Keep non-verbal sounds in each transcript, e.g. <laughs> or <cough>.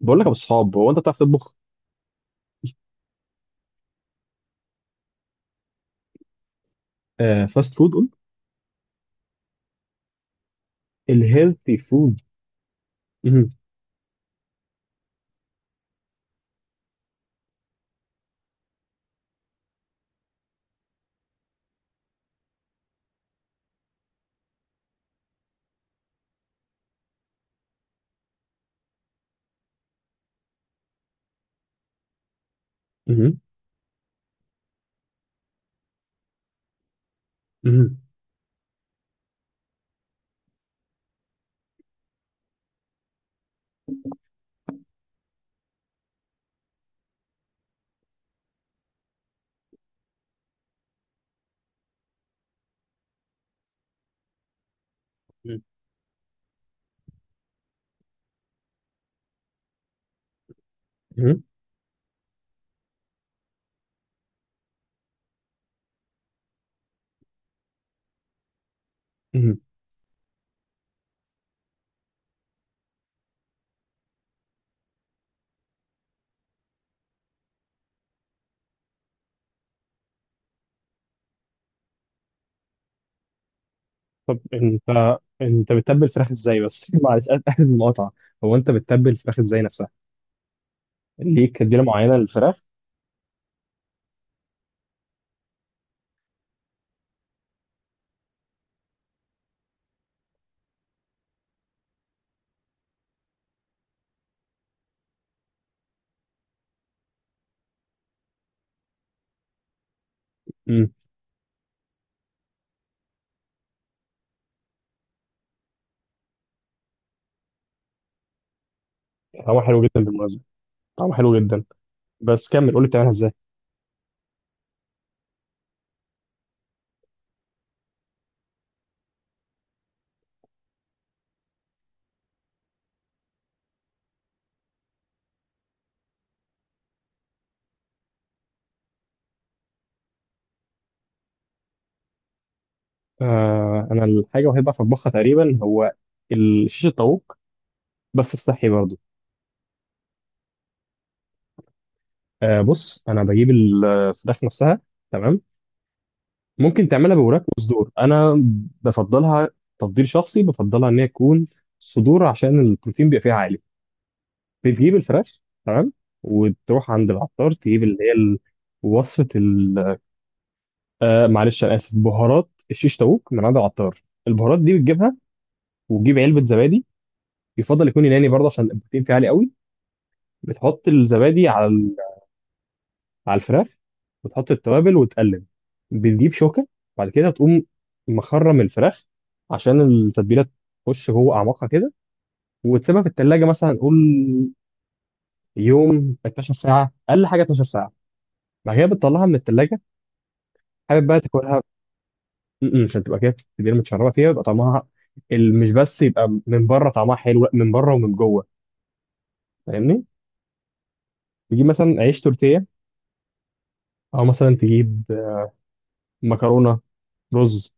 بقول لك يا ابو الصحاب، هو انت بتعرف تطبخ؟ آه، فاست فود قلت. الهيلثي فود. مهم. مهم. مهم. مهم. مهم. طب انت، انت بتتبل الفراخ ازاي بس؟ <laughs> معلش، آسف المقاطعه. هو انت بتتبل الفراخ ازاي نفسها؟ ليك تتبيله معينه للفراخ؟ مم. طعمها حلو جدا بالمناسبه، طعمها حلو جدا. بس كمل، قول لي بتعملها ازاي. آه، انا الحاجه الوحيده اللي بعرف اطبخها تقريبا هو ال- شيش الطاووق، بس الصحي برضه. آه، بص، انا بجيب الفراخ نفسها. تمام. ممكن تعملها بوراك وصدور، انا بفضلها، تفضيل شخصي بفضلها ان هي تكون صدور عشان البروتين بيبقى فيها عالي. بتجيب الفراخ، تمام، وتروح عند العطار تجيب اللي هي ال- وصفه ال- آه معلش انا اسف، بهارات الشيش تاوك من عند العطار. البهارات دي بتجيبها، وتجيب علبه زبادي، يفضل يكون يوناني برضه عشان البروتين فيه عالي قوي. بتحط الزبادي على على الفراخ، وتحط التوابل وتقلب. بتجيب شوكة، بعد كده تقوم مخرم الفراخ عشان التتبيلة تخش جوه أعماقها كده، وتسيبها في التلاجة مثلا، نقول يوم، 12 ساعة، أقل حاجة 12 ساعة. بعد كده بتطلعها من التلاجة، حابب بقى تاكلها. م- م، عشان تبقى كده التتبيلة متشربة فيها، يبقى طعمها ال- مش بس يبقى من بره طعمها حلو، لا، من بره ومن جوه. فاهمني؟ تجيب مثلا عيش تورتيه، أو مثلا تجيب مكرونة، رز.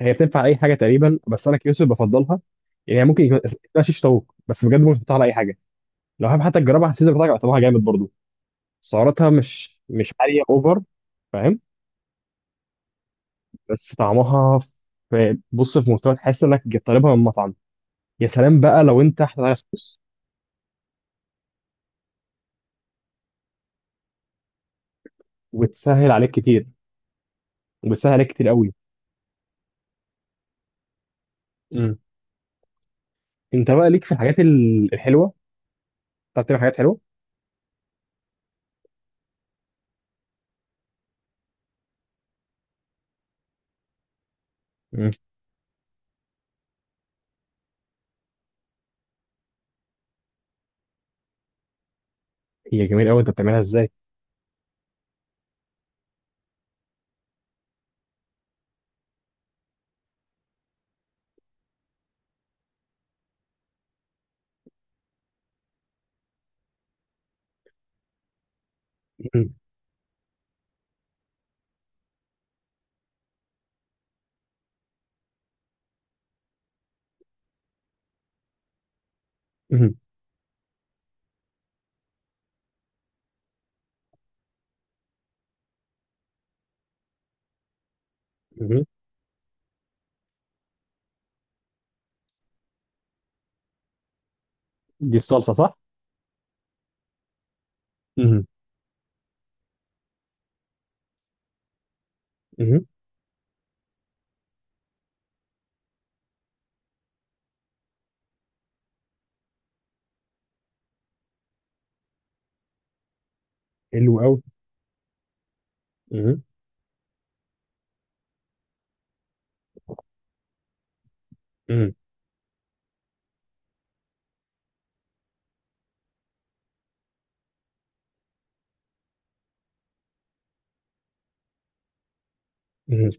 هي بتنفع اي حاجه تقريبا، بس انا كيوسف بفضلها. يعني هي ممكن يكون اسمها شيش طاووق، بس بجد ممكن تحطها على اي حاجه. لو حابب حتى تجربها على السيزر بتاعك، طعمها جامد برضو. سعراتها مش، مش عاليه اوفر. فاهم. بس طعمها، بص في مستوى تحس انك طالبها من مطعم. يا سلام بقى لو انت حاطط عليها صوص. وتسهل عليك كتير، وبتسهل عليك كتير قوي. امم. انت بقى ليك في الحاجات ال- الحلوه؟ بتعرف تعمل حاجات حلوه؟ امم. هي جميل قوي، انت بتعملها ازاي؟ مم. مم. مم. دي الصلصه صح؟ امم. امم. حلو قوي. مم. مم.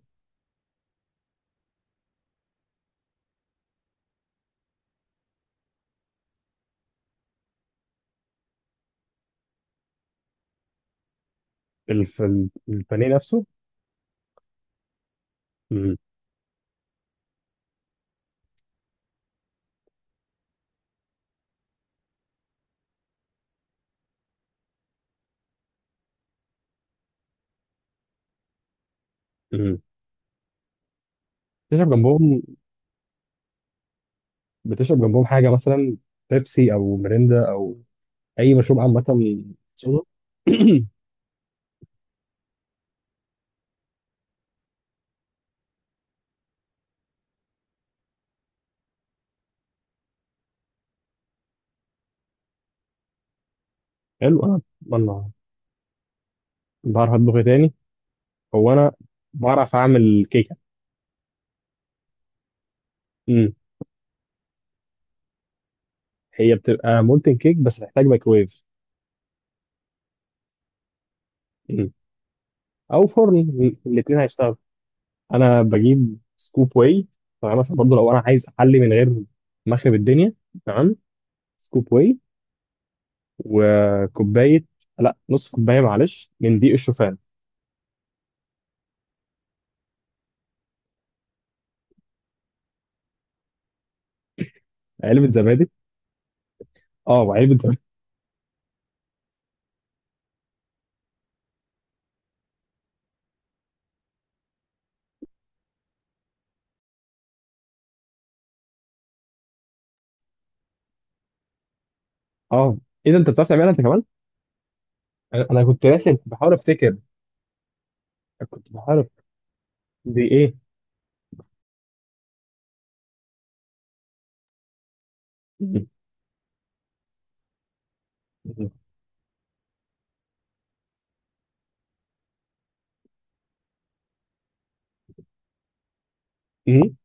الف... البانيه نفسه. مم. مم. بتشرب جنبهم؟ بتشرب جنبهم حاجه مثلا، بيبسي او ميريندا او اي مشروب عامه؟ صودا. <clears throat> حلو. انا والله بعرف اطبخ إيه تاني؟ هو انا بعرف اعمل كيكه. مم. هي بتبقى مولتن كيك بس تحتاج مايكرويف. مم. او فرن، الاثنين هيشتغلوا. انا بجيب سكوب واي، تمام، عشان برضه لو انا عايز احلي من غير مخرب الدنيا. تمام. سكوب واي، وكوبايه، لا نص كوبايه معلش، من دقيق الشوفان. علبه زبادي. اه، وعلبه زبادي. اه، ايه ده، انت بتعرف تعملها انت كمان؟ أنا كنت راسم، كنت بحاول افتكر. كنت بحاول أفت- دي ايه؟ <laughs> أمم.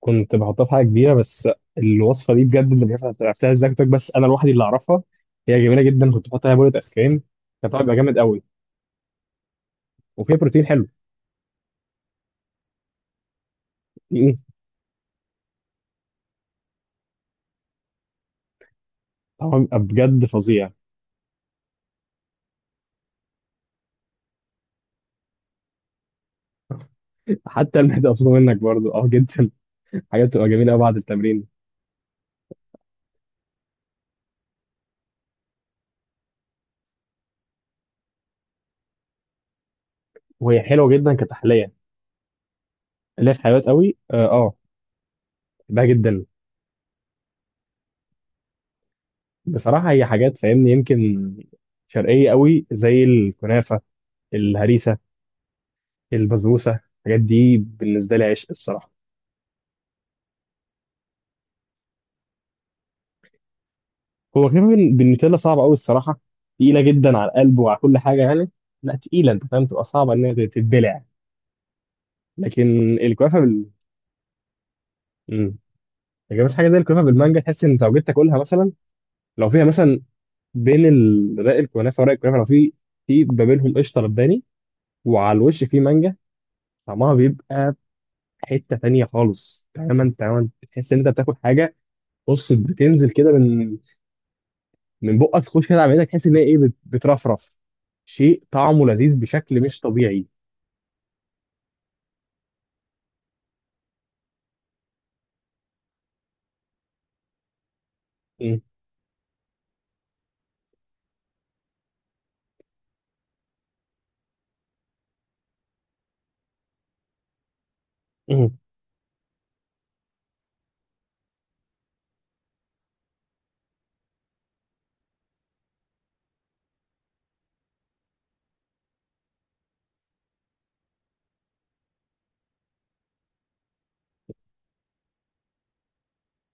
كنت بحطها في حاجه كبيره، بس الوصفه دي بجد اللي مش عارف عرفتها ازاي، كنت بس انا لوحدي اللي اعرفها. هي جميله جدا، كنت بحط عليها بولة ايس كريم. كان طعمها بيبقى جامد قوي، وفيها بروتين حلو. أمم. طعمها بيبقى بجد فظيع. حتى المعده مبسوطه منك برضو، اه جدا. حاجات بتبقى جميله قوي بعد التمرين. وهي حلوه جدا كتحليه. اللي هي في حلويات قوي، اه، بحبها جدا. بصراحه هي حاجات، فاهمني، يمكن شرقيه قوي زي الكنافه، الهريسه، البسبوسه، الحاجات دي بالنسبه لي عشق الصراحه. هو كنافه بال- بالنوتيلا صعبه قوي الصراحه، تقيله جدا على القلب وعلى كل حاجه يعني. لا تقيله، انت فاهم، تبقى صعبه ان هي تتبلع. لكن الكنافه بال- امم، لكن بس حاجه زي الكنافه بالمانجا، تحس ان انت لو جيت تاكلها مثلا، لو فيها مثلا بين ال- رق الكنافه ورق الكنافه، لو في في ما بينهم قشطه لباني، وعلى الوش في مانجا، طعمها بيبقى حته تانية خالص، تماما تماما. تحس ان انت بتاكل حاجه، بص، بتنزل كده من من بقك تخش كده على معدتك، تحس ان هي ايه، بت- بترفرف. شيء طعمه لذيذ بشكل مش طبيعي. مم. مم.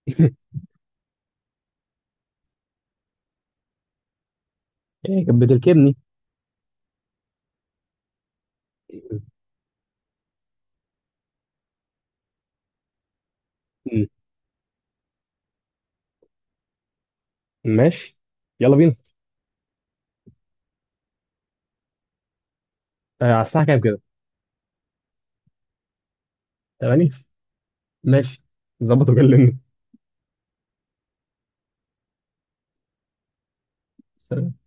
<laughs> إيه، كانت بتركبني. مم. ماشي، يلا بينا. آه، على الساعه كام كده؟ 8؟ ماشي، ظبط وكلمني.